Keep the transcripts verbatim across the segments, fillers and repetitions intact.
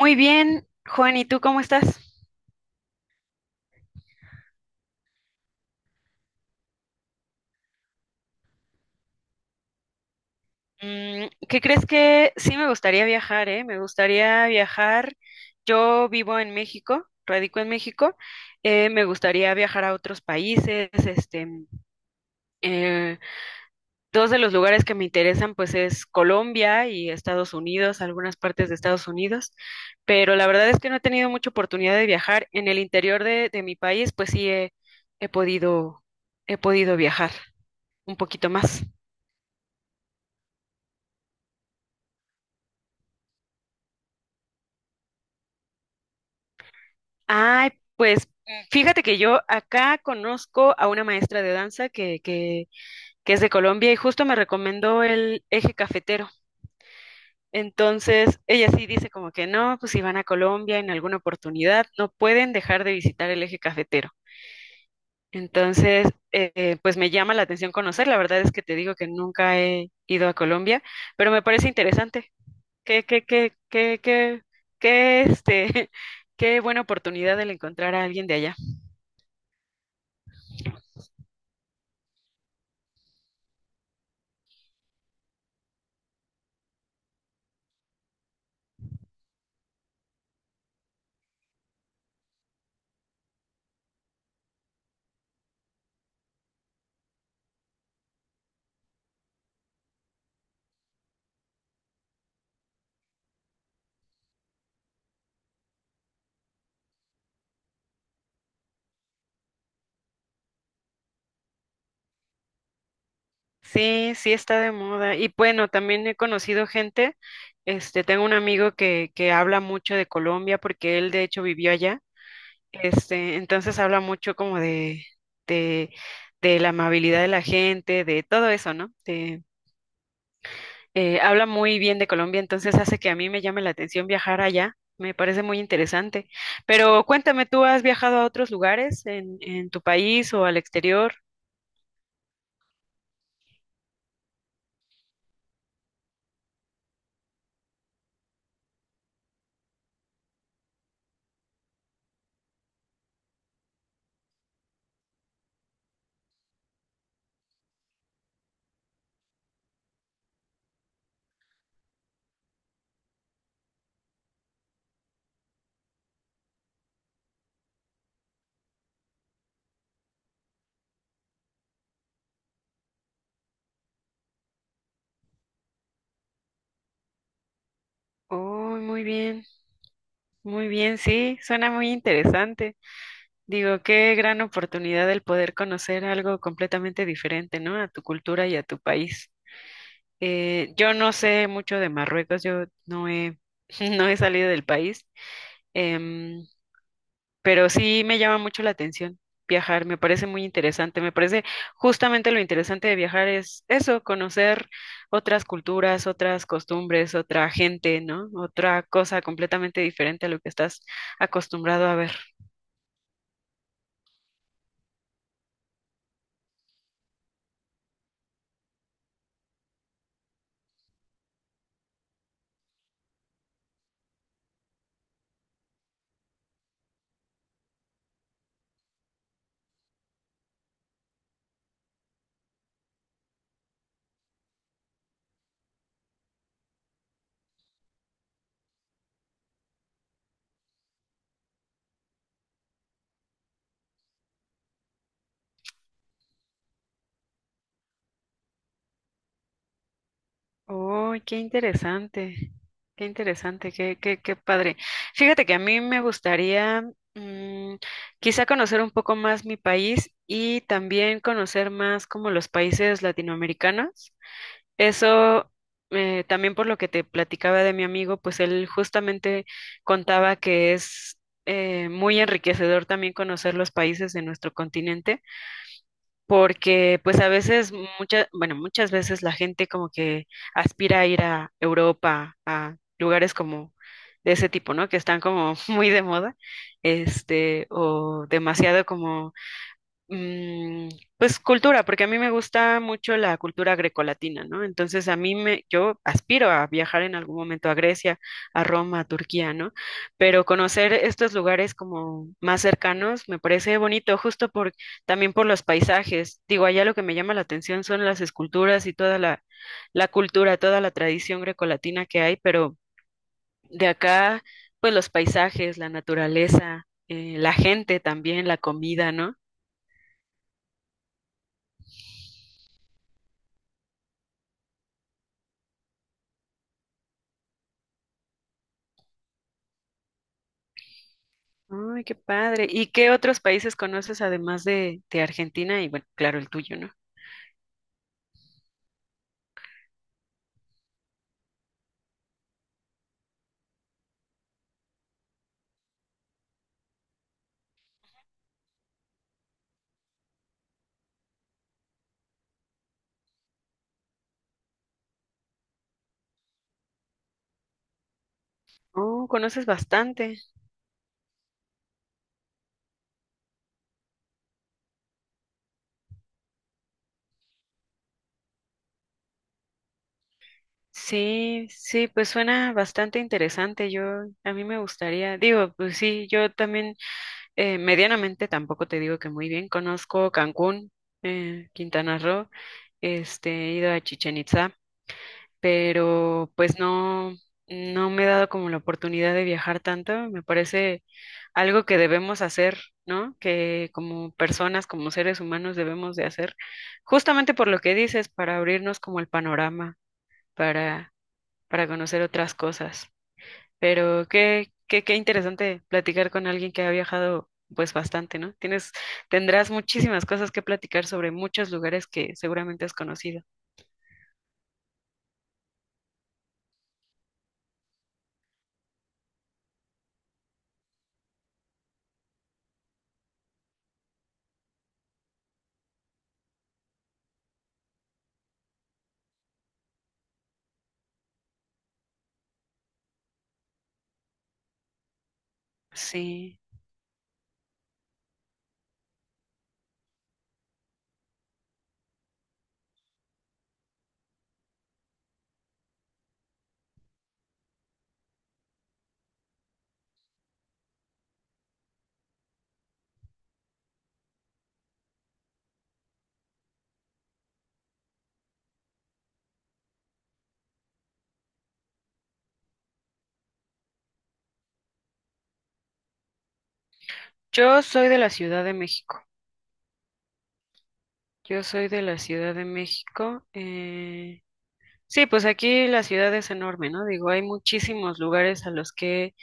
Muy bien, Juan, ¿y tú cómo estás? Mm, ¿qué crees que sí me gustaría viajar, eh? Me gustaría viajar. Yo vivo en México, radico en México. Eh, me gustaría viajar a otros países. Este, mm, eh, Dos de los lugares que me interesan, pues, es Colombia y Estados Unidos, algunas partes de Estados Unidos. Pero la verdad es que no he tenido mucha oportunidad de viajar. En el interior de, de mi país, pues sí he he podido, he podido viajar un poquito más. Ay, pues fíjate que yo acá conozco a una maestra de danza que, que, que es de Colombia y justo me recomendó el eje cafetero. Entonces, ella sí dice como que no, pues si van a Colombia en alguna oportunidad, no pueden dejar de visitar el eje cafetero. Entonces, eh, eh, pues me llama la atención conocer. La verdad es que te digo que nunca he ido a Colombia, pero me parece interesante. Qué, qué, qué, qué, qué, qué, este, qué buena oportunidad el encontrar a alguien de allá. Sí, sí está de moda. Y bueno, también he conocido gente, este, tengo un amigo que, que habla mucho de Colombia porque él de hecho vivió allá. Este, entonces habla mucho como de, de, de la amabilidad de la gente, de todo eso, ¿no? De- eh, habla muy bien de Colombia, entonces hace que a mí me llame la atención viajar allá. Me parece muy interesante. Pero cuéntame, ¿tú has viajado a otros lugares en, en tu país o al exterior? Oh, muy bien, muy bien, sí, suena muy interesante. Digo, qué gran oportunidad el poder conocer algo completamente diferente, ¿no? A tu cultura y a tu país. Eh, yo no sé mucho de Marruecos, yo no he, no he salido del país, em, pero sí me llama mucho la atención viajar, me parece muy interesante, me parece justamente lo interesante de viajar es eso, conocer otras culturas, otras costumbres, otra gente, ¿no? Otra cosa completamente diferente a lo que estás acostumbrado a ver. Oh, qué interesante, qué interesante, qué, qué, qué padre. Fíjate que a mí me gustaría mm, quizá conocer un poco más mi país y también conocer más como los países latinoamericanos. Eso eh, También por lo que te platicaba de mi amigo, pues él justamente contaba que es eh, muy enriquecedor también conocer los países de nuestro continente porque pues a veces, muchas, bueno, muchas veces la gente como que aspira a ir a Europa, a lugares como de ese tipo, ¿no? Que están como muy de moda, este, o demasiado como Mm, pues cultura, porque a mí me gusta mucho la cultura grecolatina, ¿no? Entonces a mí me, yo aspiro a viajar en algún momento a Grecia, a Roma, a Turquía, ¿no? Pero conocer estos lugares como más cercanos me parece bonito, justo por, también por los paisajes. Digo, allá lo que me llama la atención son las esculturas y toda la, la cultura, toda la tradición grecolatina que hay, pero de acá, pues los paisajes, la naturaleza, eh, la gente también, la comida, ¿no? Ay, qué padre. ¿Y qué otros países conoces además de, de Argentina y, bueno, claro, el tuyo, ¿no? Oh, conoces bastante. Sí, sí, pues suena bastante interesante. Yo, a mí me gustaría, digo, pues sí, yo también eh, medianamente tampoco te digo que muy bien. Conozco Cancún, eh, Quintana Roo, este, he ido a Chichén Itzá. Pero pues no, no me he dado como la oportunidad de viajar tanto. Me parece algo que debemos hacer, ¿no? Que como personas, como seres humanos debemos de hacer, justamente por lo que dices, para abrirnos como el panorama, para, para conocer otras cosas. Pero qué, qué, qué interesante platicar con alguien que ha viajado pues bastante, ¿no? Tienes, tendrás muchísimas cosas que platicar sobre muchos lugares que seguramente has conocido. Sí. Yo soy de la Ciudad de México. Yo soy de la Ciudad de México. Eh, sí, pues aquí la ciudad es enorme, ¿no? Digo, hay muchísimos lugares a los que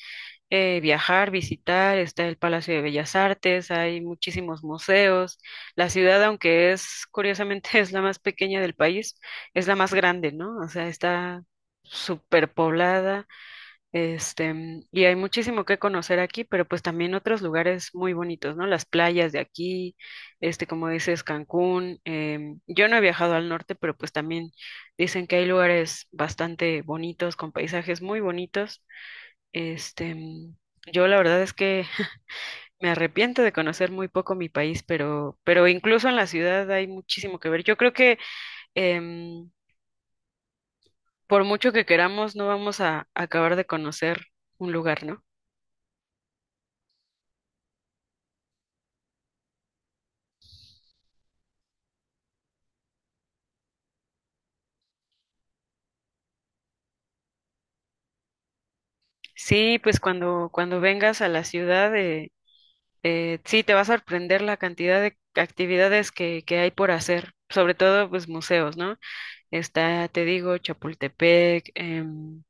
eh, viajar, visitar. Está el Palacio de Bellas Artes, hay muchísimos museos. La ciudad, aunque es, curiosamente, es la más pequeña del país, es la más grande, ¿no? O sea, está súper este, mm, y hay muchísimo que conocer aquí, pero pues también otros lugares muy bonitos, ¿no? Las playas de aquí, este, como dices, Cancún. Em, yo no he viajado al norte, pero pues también dicen que hay lugares bastante bonitos, con paisajes muy bonitos. Este, mm, yo la verdad es que me arrepiento de conocer muy poco mi país, pero, pero incluso en la ciudad hay muchísimo que ver. Yo creo que em, por mucho que queramos, no vamos a acabar de conocer un lugar, ¿no? Sí, pues cuando, cuando vengas a la ciudad, eh, eh, sí, te va a sorprender la cantidad de actividades que, que hay por hacer, sobre todo pues museos, ¿no? Está, te digo, Chapultepec, em,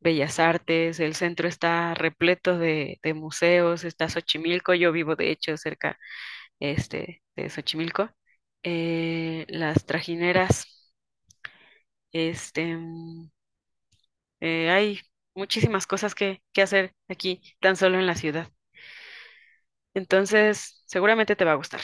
Bellas Artes, el centro está repleto de, de museos, está Xochimilco, yo vivo de hecho cerca este, de Xochimilco, eh, las trajineras, este, em, eh, hay muchísimas cosas que, que hacer aquí, tan solo en la ciudad. Entonces, seguramente te va a gustar.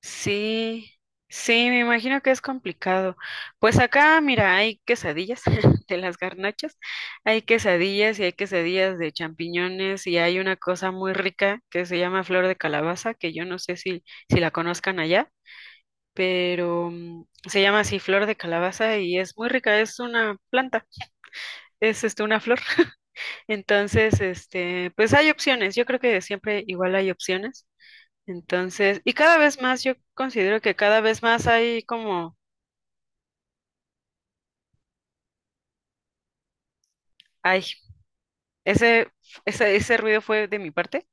Sí, sí, me imagino que es complicado. Pues acá, mira, hay quesadillas de las garnachas, hay quesadillas y hay quesadillas de champiñones y hay una cosa muy rica que se llama flor de calabaza, que yo no sé si, si la conozcan allá, pero mm, se llama así flor de calabaza y es muy rica, es una planta, es este, una flor. Entonces, este, pues hay opciones, yo creo que siempre igual hay opciones. Entonces, y cada vez más, yo considero que cada vez más hay como, ay, ese, ese, ese ruido fue de mi parte.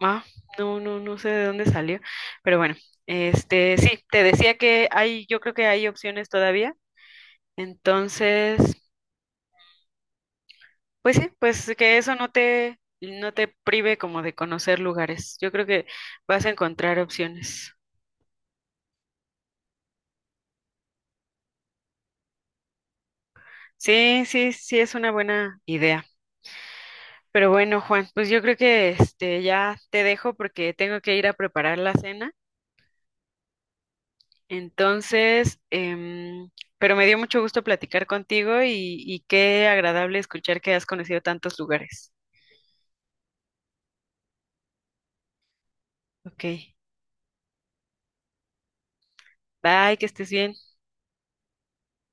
Ah, no, no, no sé de dónde salió, pero bueno, este, sí, te decía que hay, yo creo que hay opciones todavía. Entonces, pues sí, pues que eso no te, no te prive como de conocer lugares. Yo creo que vas a encontrar opciones. Sí, sí, sí, es una buena idea. Pero bueno, Juan, pues yo creo que este ya te dejo porque tengo que ir a preparar la cena. Entonces, em, pero me dio mucho gusto platicar contigo y, y qué agradable escuchar que has conocido tantos lugares. Ok, bye, que estés bien.